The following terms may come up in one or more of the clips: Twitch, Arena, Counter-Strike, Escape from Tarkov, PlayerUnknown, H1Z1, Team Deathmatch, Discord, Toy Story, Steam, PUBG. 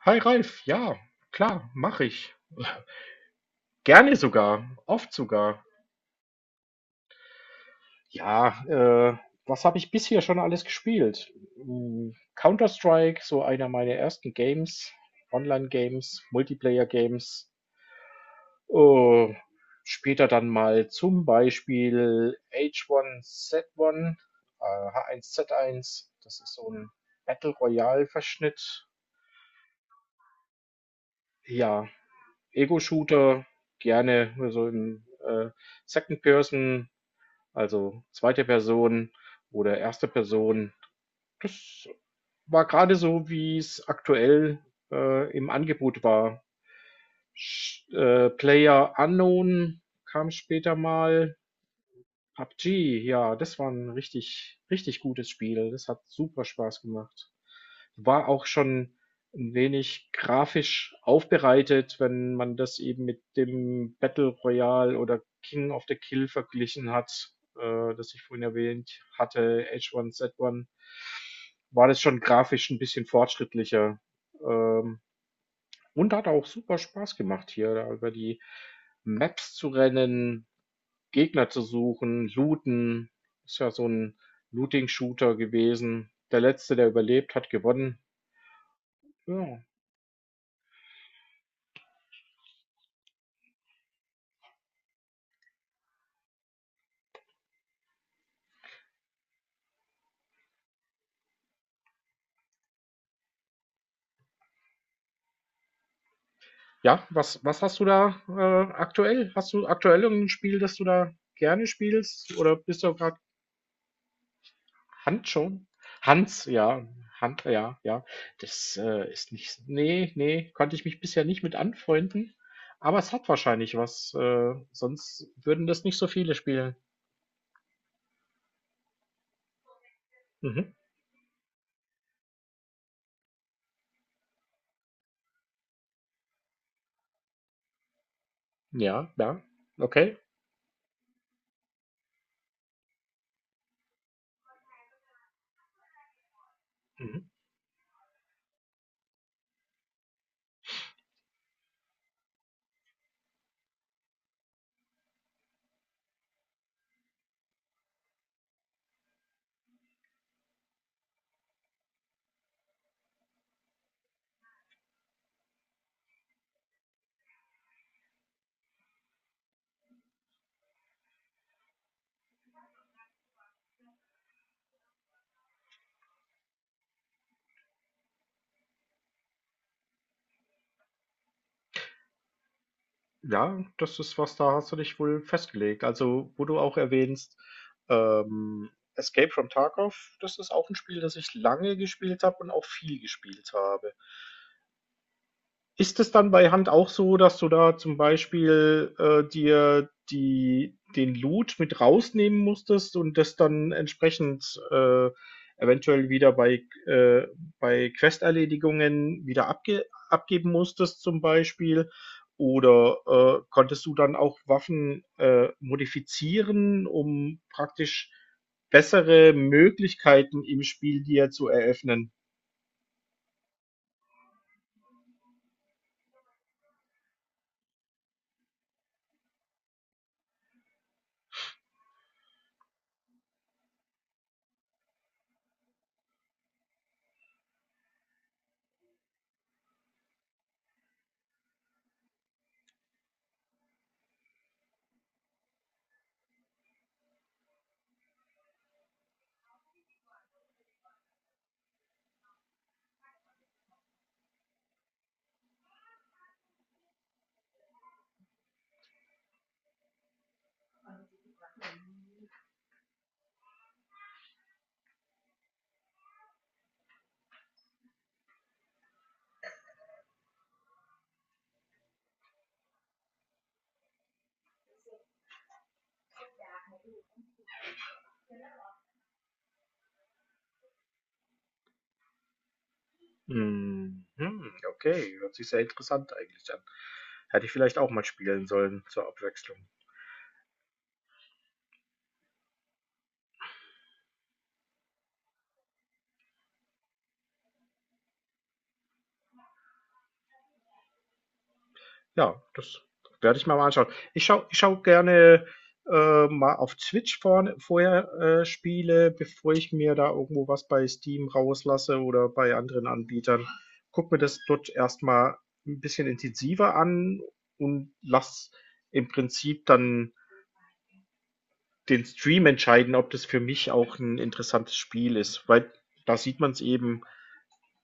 Hi Ralf, ja, klar, mache ich. Gerne sogar, oft sogar. Ja, was habe ich bisher schon alles gespielt? Counter-Strike, so einer meiner ersten Games, Online-Games, Multiplayer-Games. Äh, Später dann mal zum Beispiel H1Z1, H1Z1, das ist so ein Battle Royale-Verschnitt. Ja, Ego-Shooter, gerne, also im Second Person. Also zweite Person oder erste Person. War gerade so, wie es aktuell, im Angebot war. Sch PlayerUnknown kam später mal. PUBG, ja, das war ein richtig richtig gutes Spiel. Das hat super Spaß gemacht. War auch schon ein wenig grafisch aufbereitet, wenn man das eben mit dem Battle Royale oder King of the Kill verglichen hat, das ich vorhin erwähnt hatte, H1Z1, war das schon grafisch ein bisschen fortschrittlicher. Ähm, und hat auch super Spaß gemacht, hier da über die Maps zu rennen, Gegner zu suchen, looten. Ist ja so ein Looting-Shooter gewesen. Der Letzte, der überlebt, hat gewonnen. Ja. Ja, was hast du da, aktuell? Hast du aktuell irgend Spiel, das du da gerne spielst, oder bist du gerade. Hand schon? Hans, ja. Hand, ja, ja. Das, ist nicht, nee, nee, konnte ich mich bisher nicht mit anfreunden, aber es hat wahrscheinlich was, sonst würden das nicht so viele spielen. Mhm. Ja, ja. Okay. Mhm. Ja, das ist was, da hast du dich wohl festgelegt. Also, wo du auch erwähnst, Escape from Tarkov, das ist auch ein Spiel, das ich lange gespielt habe und auch viel gespielt habe. Ist es dann bei Hand auch so, dass du da zum Beispiel, dir die den Loot mit rausnehmen musstest und das dann entsprechend, eventuell wieder bei, bei Questerledigungen wieder abgeben musstest zum Beispiel? Oder, konntest du dann auch Waffen, modifizieren, um praktisch bessere Möglichkeiten im Spiel dir zu eröffnen? Mhm, okay, hört sich sehr interessant eigentlich an. Hätte ich vielleicht auch mal spielen sollen zur Abwechslung. Ja, das werde ich mir mal anschauen. Ich schau gerne mal auf Twitch vorher Spiele, bevor ich mir da irgendwo was bei Steam rauslasse oder bei anderen Anbietern. Guck mir das dort erstmal ein bisschen intensiver an und lass im Prinzip dann den Stream entscheiden, ob das für mich auch ein interessantes Spiel ist, weil da sieht man es eben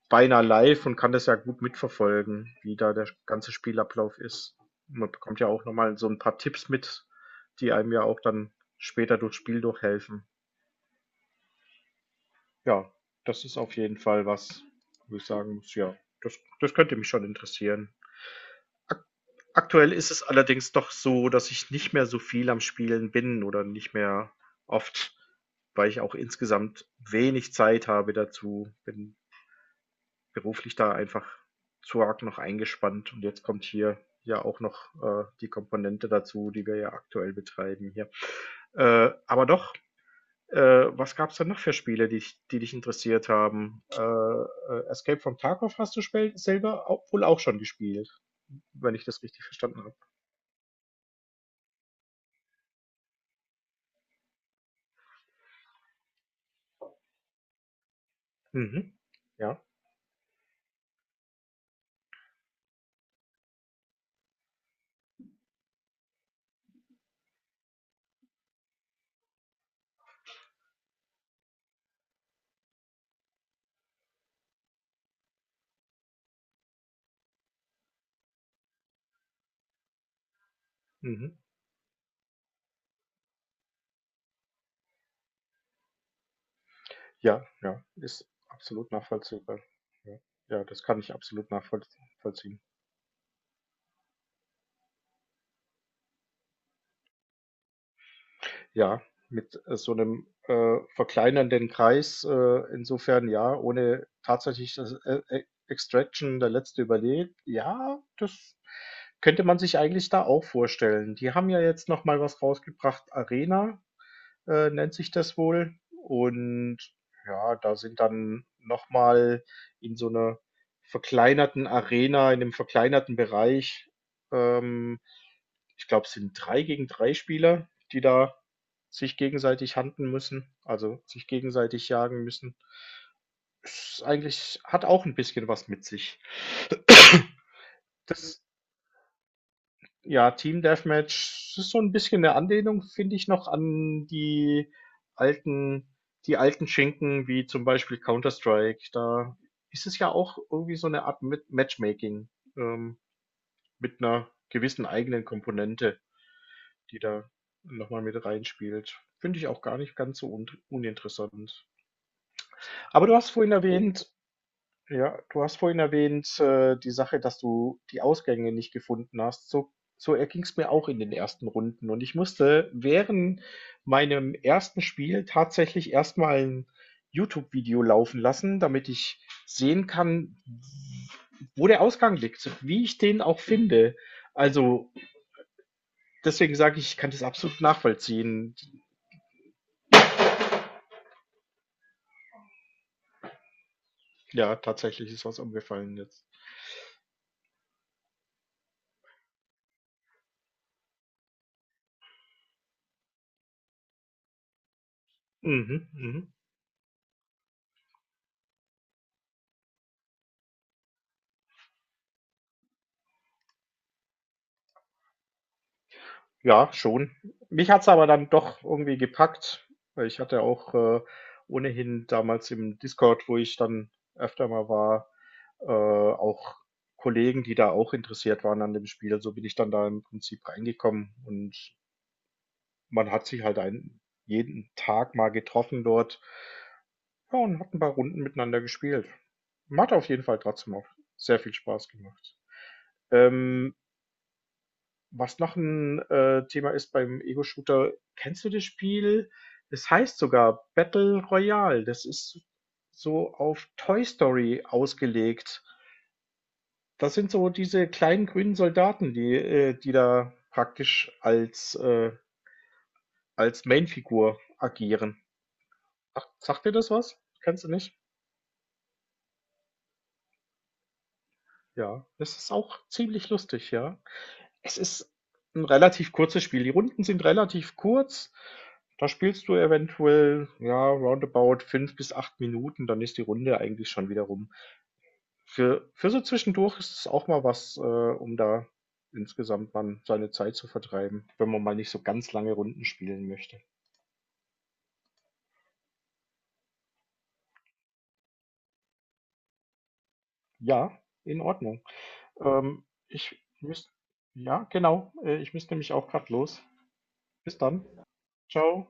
beinahe live und kann das ja gut mitverfolgen, wie da der ganze Spielablauf ist. Man bekommt ja auch nochmal so ein paar Tipps mit, die einem ja auch dann später durchs Spiel durchhelfen. Ja, das ist auf jeden Fall was, wo ich sagen muss, ja, das könnte mich schon interessieren. Aktuell ist es allerdings doch so, dass ich nicht mehr so viel am Spielen bin oder nicht mehr oft, weil ich auch insgesamt wenig Zeit habe dazu. Bin beruflich da einfach zu arg noch eingespannt, und jetzt kommt hier ja auch noch die Komponente dazu, die wir ja aktuell betreiben hier. Aber doch, was gab es denn noch für Spiele, die dich interessiert haben? Escape from Tarkov hast du selber auch, wohl auch schon gespielt, wenn ich das richtig verstanden habe. Mhm. Ja, mhm. Ja, ja, ist absolut nachvollziehbar. Ja, ja, das kann ich absolut nachvollziehen. Ja, mit, so einem verkleinernden Kreis, insofern ja, ohne tatsächlich das, E Extraction, der Letzte überlebt. Ja, das könnte man sich eigentlich da auch vorstellen. Die haben ja jetzt noch mal was rausgebracht, Arena, nennt sich das wohl. Und ja, da sind dann nochmal in so 'ner verkleinerten Arena, in 'nem verkleinerten Bereich, ähm ich glaube, es sind 3 gegen 3 Spieler, die da sich gegenseitig hunten müssen, also sich gegenseitig jagen müssen. Ist eigentlich, hat auch ein bisschen was mit sich. Das, ja, Team Deathmatch ist so ein bisschen eine Anlehnung, finde ich noch, an alten die alten Schinken wie zum Beispiel Counter-Strike. Da ist es ja auch irgendwie so eine Art mit Matchmaking, ähm, mit einer gewissen eigenen Komponente, die da nochmal mit reinspielt. Finde ich auch gar nicht ganz so un uninteressant. Aber du hast vorhin, okay, erwähnt. Ja, du hast vorhin erwähnt, die Sache, dass du die Ausgänge nicht gefunden hast. So erging es mir auch in den ersten Runden. Und ich musste während meinem ersten Spiel tatsächlich erstmal ein YouTube-Video laufen lassen, damit ich sehen kann, wo der Ausgang liegt, wie ich den auch finde. Also deswegen sage ich, ich kann das absolut nachvollziehen. Ja, tatsächlich ist was umgefallen jetzt. Mhm, mhm. Ja, schon. Mich hat's aber dann doch irgendwie gepackt, weil ich hatte auch, ohnehin damals im Discord, wo ich dann öfter mal war, auch Kollegen, die da auch interessiert waren an dem Spiel. So bin ich dann da im Prinzip reingekommen, und man hat sich halt ein jeden Tag mal getroffen dort, ja, und hat ein paar Runden miteinander gespielt. Hat auf jeden Fall trotzdem auch sehr viel Spaß gemacht. Ähm Was noch ein Thema ist beim Ego-Shooter, kennst du das Spiel? Es heißt sogar Battle Royale. Das ist so auf Toy Story ausgelegt. Das sind so diese kleinen grünen Soldaten, die die da praktisch als Mainfigur agieren. Sagt dir das was? Kennst du nicht? Ja, das ist auch ziemlich lustig, ja. Es ist ein relativ kurzes Spiel. Die Runden sind relativ kurz. Da spielst du eventuell, ja, roundabout 5 bis 8 Minuten, dann ist die Runde eigentlich schon wieder rum. Für so zwischendurch ist es auch mal was, um da insgesamt dann seine Zeit zu vertreiben, wenn man mal nicht so ganz lange Runden spielen möchte. Ja, in Ordnung. Ähm, ich müsste Ja, genau, ich müsste nämlich auch grad los. Bis dann. Ciao.